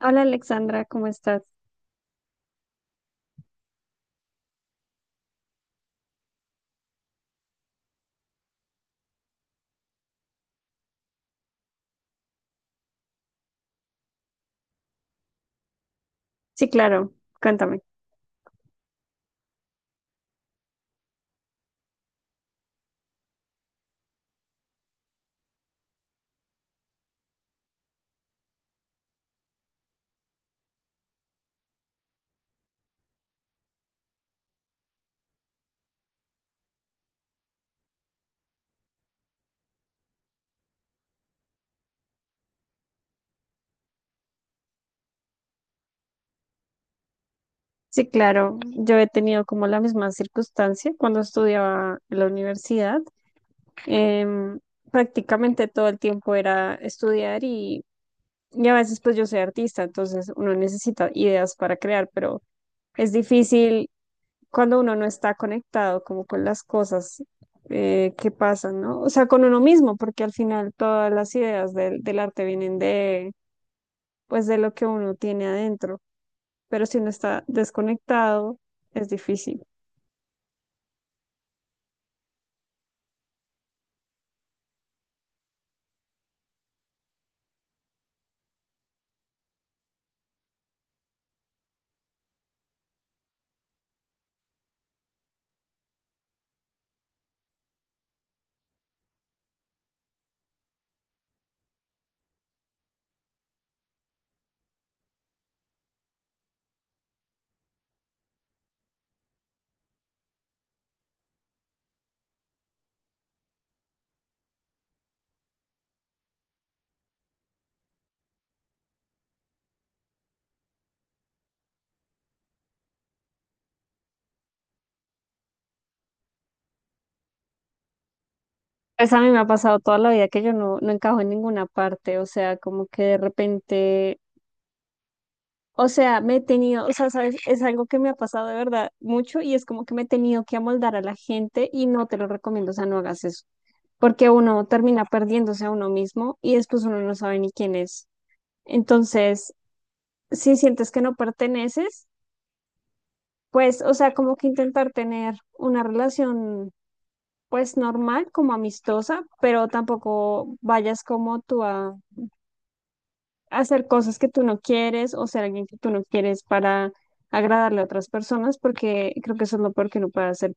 Hola Alexandra, ¿cómo estás? Sí, claro, cuéntame. Sí, claro, yo he tenido como la misma circunstancia cuando estudiaba en la universidad. Em, Prácticamente todo el tiempo era estudiar y a veces pues yo soy artista, entonces uno necesita ideas para crear, pero es difícil cuando uno no está conectado como con las cosas que pasan, ¿no? O sea, con uno mismo, porque al final todas las ideas del arte vienen de, pues de lo que uno tiene adentro. Pero si uno está desconectado, es difícil. Pues a mí me ha pasado toda la vida que yo no encajo en ninguna parte, o sea, como que de repente, o sea, me he tenido, o sea, sabes, es algo que me ha pasado de verdad mucho y es como que me he tenido que amoldar a la gente y no te lo recomiendo, o sea, no hagas eso, porque uno termina perdiéndose a uno mismo y después uno no sabe ni quién es. Entonces, si sientes que no perteneces, pues, o sea, como que intentar tener una relación pues normal, como amistosa, pero tampoco vayas como tú a hacer cosas que tú no quieres o ser alguien que tú no quieres para agradarle a otras personas, porque creo que eso es lo peor que uno puede hacer.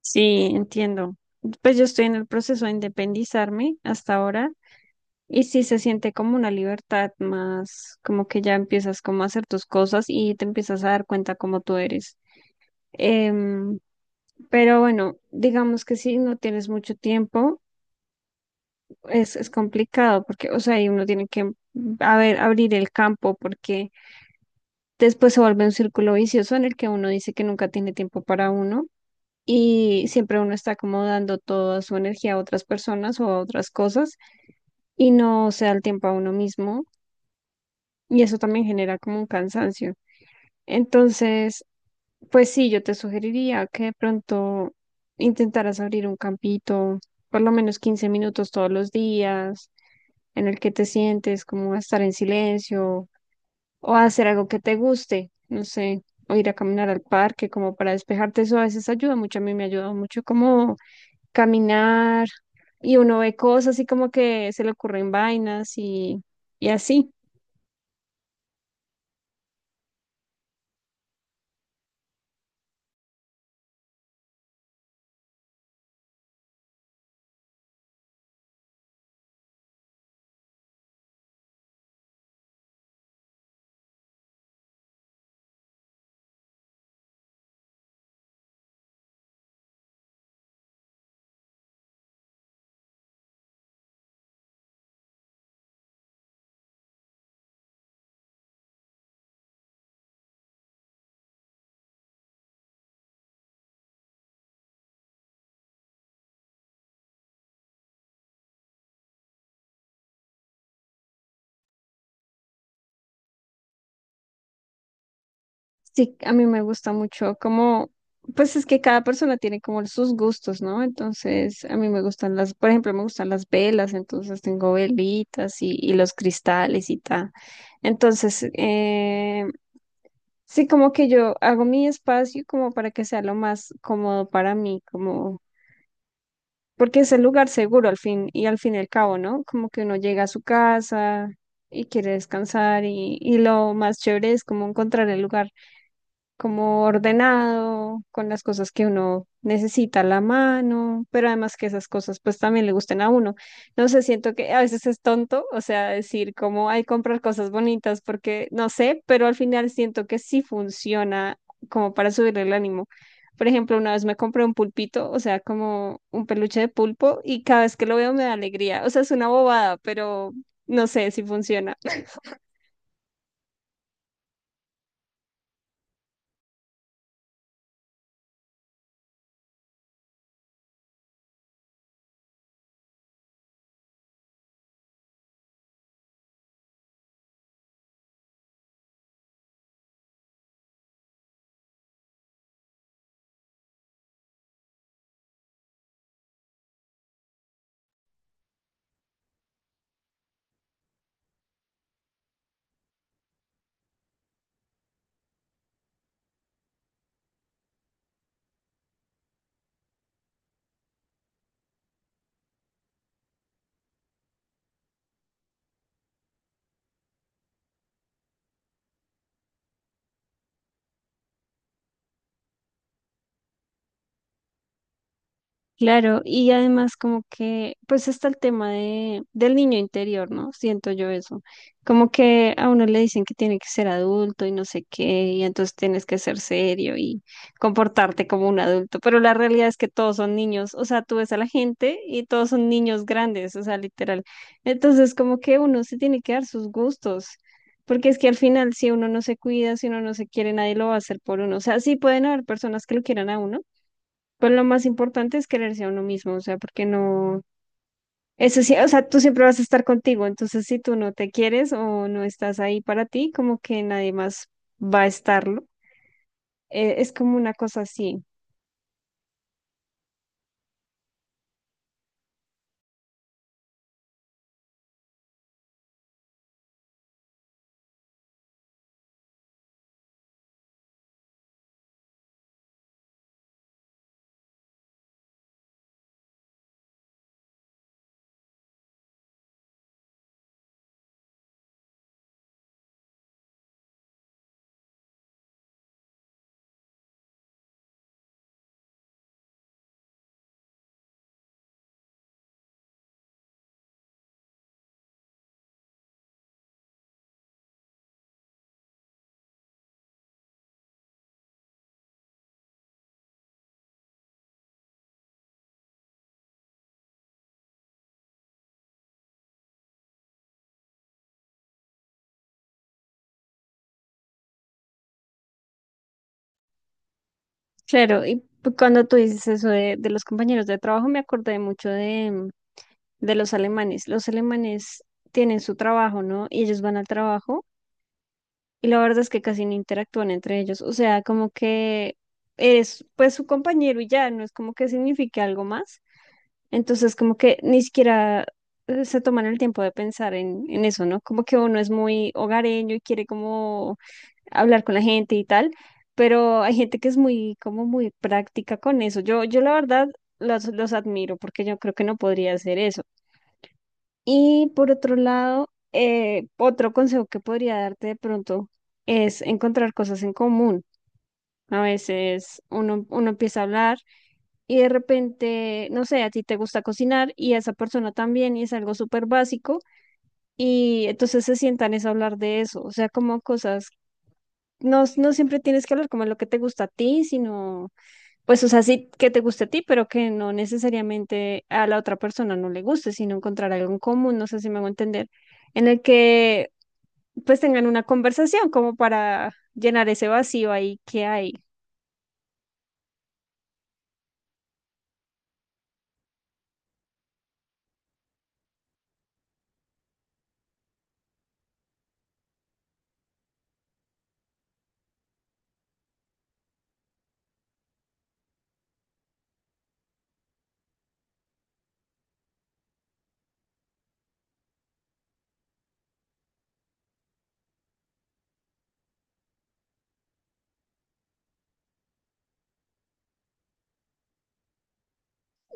Sí, entiendo. Pues yo estoy en el proceso de independizarme hasta ahora y sí se siente como una libertad más, como que ya empiezas como a hacer tus cosas y te empiezas a dar cuenta cómo tú eres. Em, pero bueno, digamos que si no tienes mucho tiempo es complicado porque, o sea, y uno tiene que a ver, abrir el campo porque después se vuelve un círculo vicioso en el que uno dice que nunca tiene tiempo para uno y siempre uno está como dando toda su energía a otras personas o a otras cosas y no se da el tiempo a uno mismo y eso también genera como un cansancio. Entonces, pues sí, yo te sugeriría que de pronto intentaras abrir un campito, por lo menos 15 minutos todos los días en el que te sientes, como a estar en silencio o a hacer algo que te guste, no sé, o ir a caminar al parque como para despejarte, eso a veces ayuda mucho, a mí me ayuda mucho como caminar y uno ve cosas y como que se le ocurren vainas y así. Sí, a mí me gusta mucho como, pues es que cada persona tiene como sus gustos, ¿no? Entonces, a mí me gustan las, por ejemplo, me gustan las velas, entonces tengo velitas y los cristales y tal. Entonces, sí, como que yo hago mi espacio como para que sea lo más cómodo para mí, como, porque es el lugar seguro al fin y al cabo, ¿no? Como que uno llega a su casa y quiere descansar y lo más chévere es como encontrar el lugar como ordenado, con las cosas que uno necesita a la mano, pero además que esas cosas pues también le gusten a uno. No sé, siento que a veces es tonto, o sea, decir como hay comprar cosas bonitas porque no sé, pero al final siento que sí funciona como para subirle el ánimo. Por ejemplo, una vez me compré un pulpito, o sea, como un peluche de pulpo, y cada vez que lo veo me da alegría. O sea, es una bobada, pero no sé si funciona. Claro, y además como que, pues está el tema del niño interior, ¿no? Siento yo eso. Como que a uno le dicen que tiene que ser adulto y no sé qué, y entonces tienes que ser serio y comportarte como un adulto, pero la realidad es que todos son niños, o sea, tú ves a la gente y todos son niños grandes, o sea, literal. Entonces como que uno se tiene que dar sus gustos. Porque es que al final, si uno no se cuida, si uno no se quiere, nadie lo va a hacer por uno. O sea, sí pueden haber personas que lo quieran a uno, pues lo más importante es quererse a uno mismo, o sea, porque no, eso sí, o sea, tú siempre vas a estar contigo, entonces si tú no te quieres o no estás ahí para ti, como que nadie más va a estarlo. Es como una cosa así. Claro, y cuando tú dices eso de los compañeros de trabajo, me acordé mucho de, mm, de los alemanes. Los alemanes tienen su trabajo, ¿no? Y ellos van al trabajo y la verdad es que casi no interactúan entre ellos, o sea, como que eres pues su compañero y ya, no es como que signifique algo más. Entonces, como que ni siquiera se toman el tiempo de pensar en eso, ¿no? Como que uno es muy hogareño y quiere como hablar con la gente y tal, pero hay gente que es muy, como muy práctica con eso. Yo la verdad los admiro porque yo creo que no podría hacer eso. Y por otro lado, otro consejo que podría darte de pronto es encontrar cosas en común. A veces uno empieza a hablar y de repente, no sé, a ti te gusta cocinar y a esa persona también y es algo súper básico y entonces se sientan es a hablar de eso, o sea, como cosas, no siempre tienes que hablar como lo que te gusta a ti, sino, pues, o sea, sí que te guste a ti, pero que no necesariamente a la otra persona no le guste, sino encontrar algo en común, no sé si me hago entender, en el que pues tengan una conversación como para llenar ese vacío ahí que hay.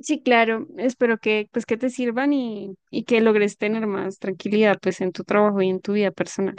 Sí, claro, espero que pues que te sirvan y que logres tener más tranquilidad pues en tu trabajo y en tu vida personal.